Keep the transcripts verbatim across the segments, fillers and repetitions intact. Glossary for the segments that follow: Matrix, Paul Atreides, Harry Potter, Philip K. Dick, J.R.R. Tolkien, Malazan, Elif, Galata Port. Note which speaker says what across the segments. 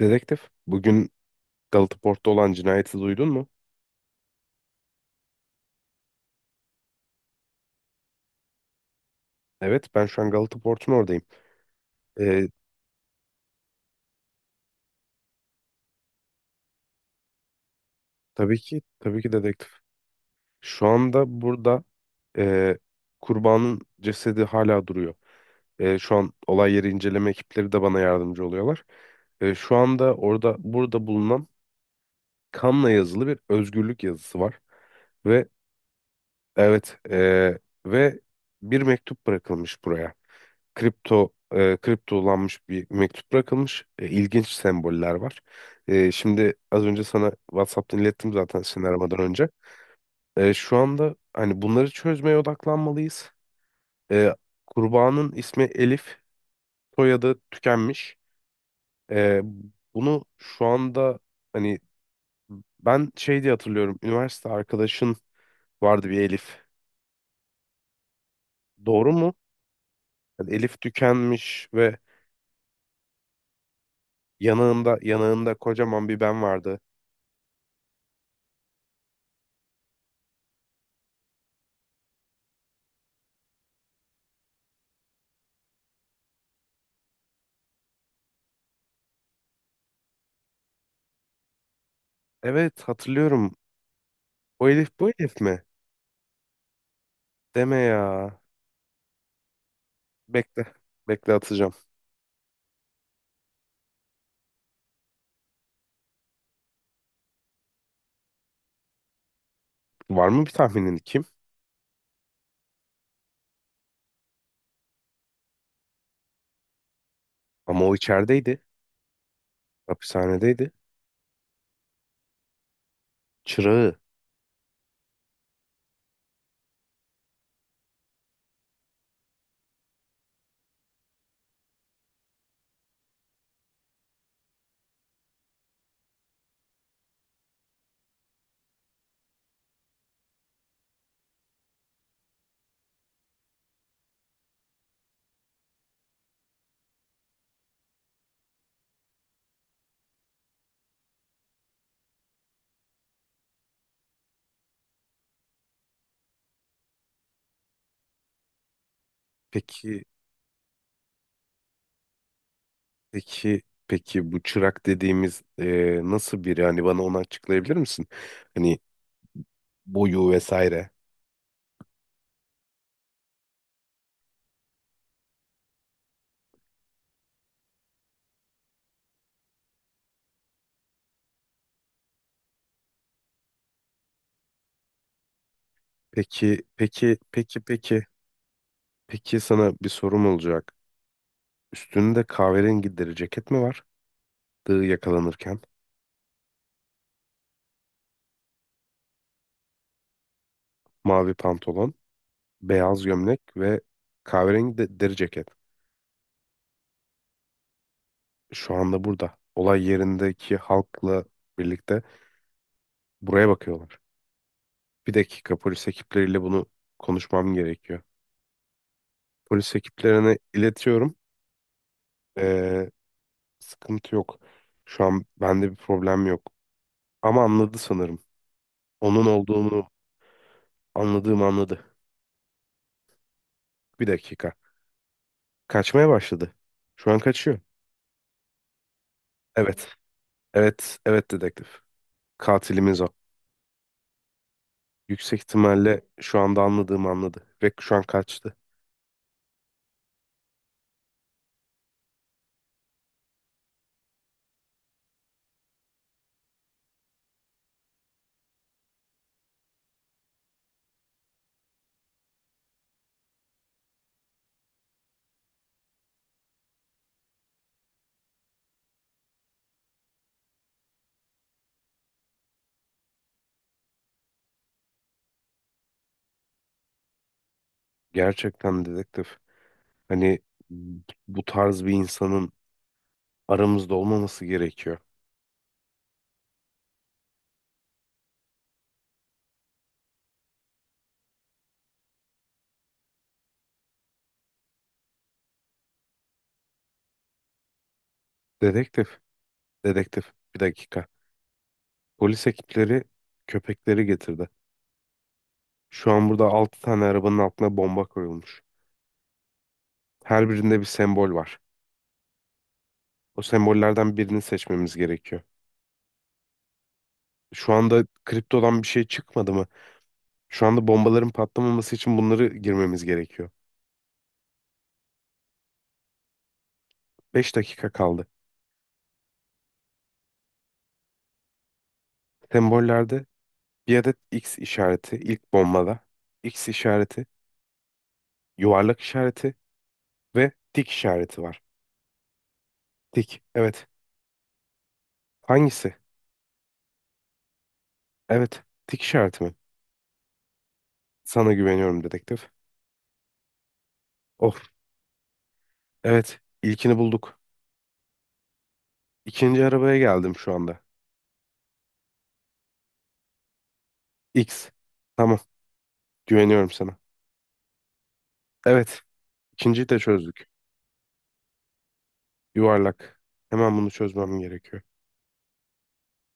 Speaker 1: Dedektif, bugün Galata Port'ta olan cinayeti duydun mu? Evet, ben şu an Galata Port'un oradayım. Ee, tabii ki, tabii ki dedektif. Şu anda burada e, kurbanın cesedi hala duruyor. E, şu an olay yeri inceleme ekipleri de bana yardımcı oluyorlar. E, şu anda orada, burada bulunan kanla yazılı bir özgürlük yazısı var. Ve evet, e, ve bir mektup bırakılmış buraya. Kripto e, kriptolanmış bir mektup bırakılmış. E, ilginç semboller var. E, şimdi az önce sana WhatsApp'tan ilettim zaten seni aramadan önce. E, şu anda hani bunları çözmeye odaklanmalıyız. E, Kurbanın ismi Elif, soyadı tükenmiş. E, Bunu şu anda hani ben şey diye hatırlıyorum. Üniversite arkadaşın vardı bir Elif. Doğru mu? Yani Elif tükenmiş ve yanağında yanağında kocaman bir ben vardı. Evet, hatırlıyorum. O Elif bu Elif mi? Deme ya. Bekle. Bekle, atacağım. Var mı bir tahminin kim? Ama o içerideydi. Hapishanedeydi. Çırağı. Peki, peki, peki bu çırak dediğimiz e, nasıl biri? Hani bana onu açıklayabilir misin? Hani boyu vesaire. Peki, peki, peki, peki. Peki sana bir sorum olacak. Üstünde kahverengi deri ceket mi var? Dığı yakalanırken. Mavi pantolon, beyaz gömlek ve kahverengi de deri ceket. Şu anda burada. Olay yerindeki halkla birlikte buraya bakıyorlar. Bir dakika polis ekipleriyle bunu konuşmam gerekiyor. Polis ekiplerine iletiyorum. Ee, sıkıntı yok. Şu an bende bir problem yok. Ama anladı sanırım. Onun olduğunu anladığımı anladı. Bir dakika. Kaçmaya başladı. Şu an kaçıyor. Evet. Evet. Evet dedektif. Katilimiz o. Yüksek ihtimalle şu anda anladığımı anladı. Ve şu an kaçtı. Gerçekten dedektif. Hani bu tarz bir insanın aramızda olmaması gerekiyor. Dedektif, dedektif. Bir dakika. Polis ekipleri köpekleri getirdi. Şu an burada altı tane arabanın altına bomba koyulmuş. Her birinde bir sembol var. O sembollerden birini seçmemiz gerekiyor. Şu anda kriptodan bir şey çıkmadı mı? Şu anda bombaların patlamaması için bunları girmemiz gerekiyor. Beş dakika kaldı. Sembollerde bir adet X işareti ilk bombada. X işareti, yuvarlak işareti ve tik işareti var. Tik. Evet. Hangisi? Evet. Tik işareti mi? Sana güveniyorum dedektif. Of. Evet. İlkini bulduk. İkinci arabaya geldim şu anda. X. Tamam. Güveniyorum sana. Evet. İkinciyi de çözdük. Yuvarlak. Hemen bunu çözmem gerekiyor.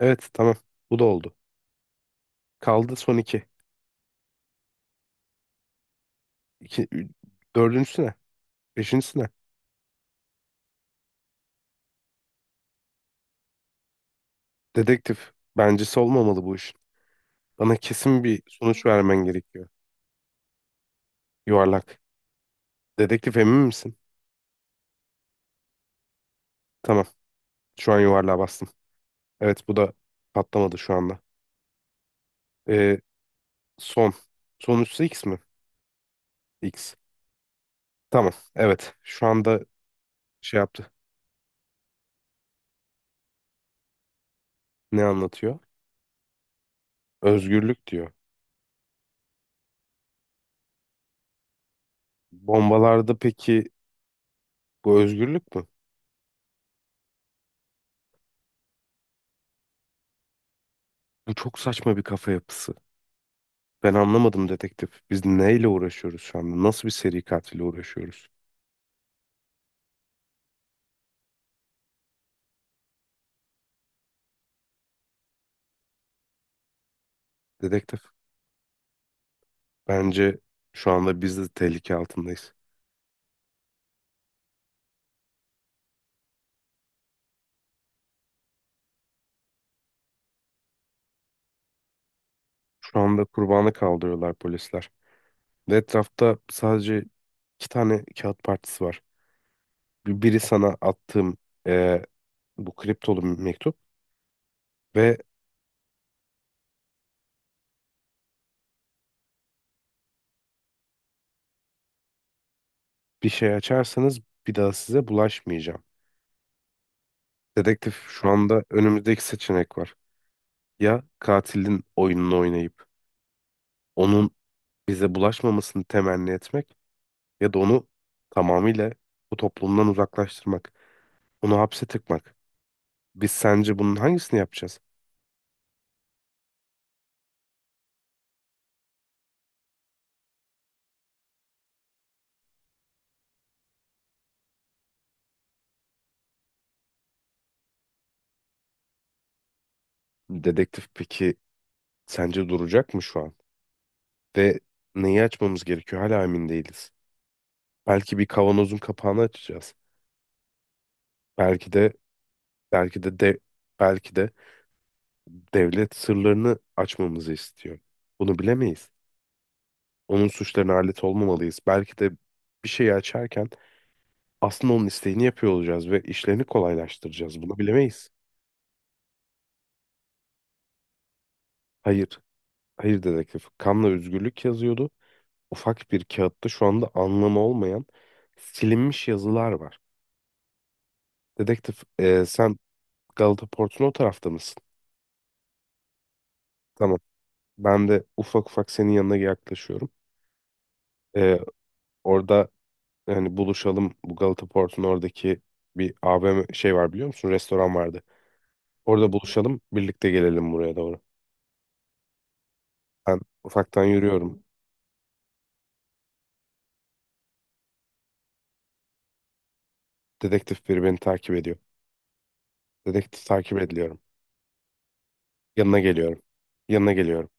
Speaker 1: Evet. Tamam. Bu da oldu. Kaldı son iki. İki, ü- Dördüncüsü ne? Beşincisi ne? Dedektif. Bencesi olmamalı bu iş. Bana kesin bir sonuç vermen gerekiyor. Yuvarlak. Dedektif emin misin? Tamam. Şu an yuvarlığa bastım. Evet, bu da patlamadı şu anda. Ee, son. Sonuncusu X mi? X. Tamam. Evet. Şu anda şey yaptı. Ne anlatıyor? Özgürlük diyor. Bombalarda peki bu özgürlük mü? Bu çok saçma bir kafa yapısı. Ben anlamadım dedektif. Biz neyle uğraşıyoruz şu anda? Nasıl bir seri katille uğraşıyoruz? Dedektif. Bence şu anda biz de tehlike altındayız. Şu anda kurbanı kaldırıyorlar polisler. Ve etrafta sadece iki tane kağıt partisi var. Bir- biri sana attığım e, bu kriptolu bir mektup ve bir şey açarsanız bir daha size bulaşmayacağım. Dedektif, şu anda önümüzdeki seçenek var. Ya katilin oyununu oynayıp onun bize bulaşmamasını temenni etmek ya da onu tamamıyla bu toplumdan uzaklaştırmak, onu hapse tıkmak. Biz sence bunun hangisini yapacağız? Dedektif peki sence duracak mı şu an? Ve neyi açmamız gerekiyor? Hala emin değiliz. Belki bir kavanozun kapağını açacağız. Belki de Belki de, de belki de devlet sırlarını açmamızı istiyor. Bunu bilemeyiz. Onun suçlarına alet olmamalıyız. Belki de bir şeyi açarken aslında onun isteğini yapıyor olacağız ve işlerini kolaylaştıracağız. Bunu bilemeyiz. Hayır, hayır dedektif. Kanla özgürlük yazıyordu. Ufak bir kağıtta şu anda anlamı olmayan silinmiş yazılar var. Dedektif, e, sen Galata Port'un o tarafta mısın? Tamam. Ben de ufak ufak senin yanına yaklaşıyorum. E, orada hani buluşalım, bu Galata Port'un oradaki bir A V M şey var, biliyor musun? Restoran vardı. Orada buluşalım, birlikte gelelim buraya doğru. Ben ufaktan yürüyorum. Dedektif, biri beni takip ediyor. Dedektif, takip ediliyorum. Yanına geliyorum. Yanına geliyorum.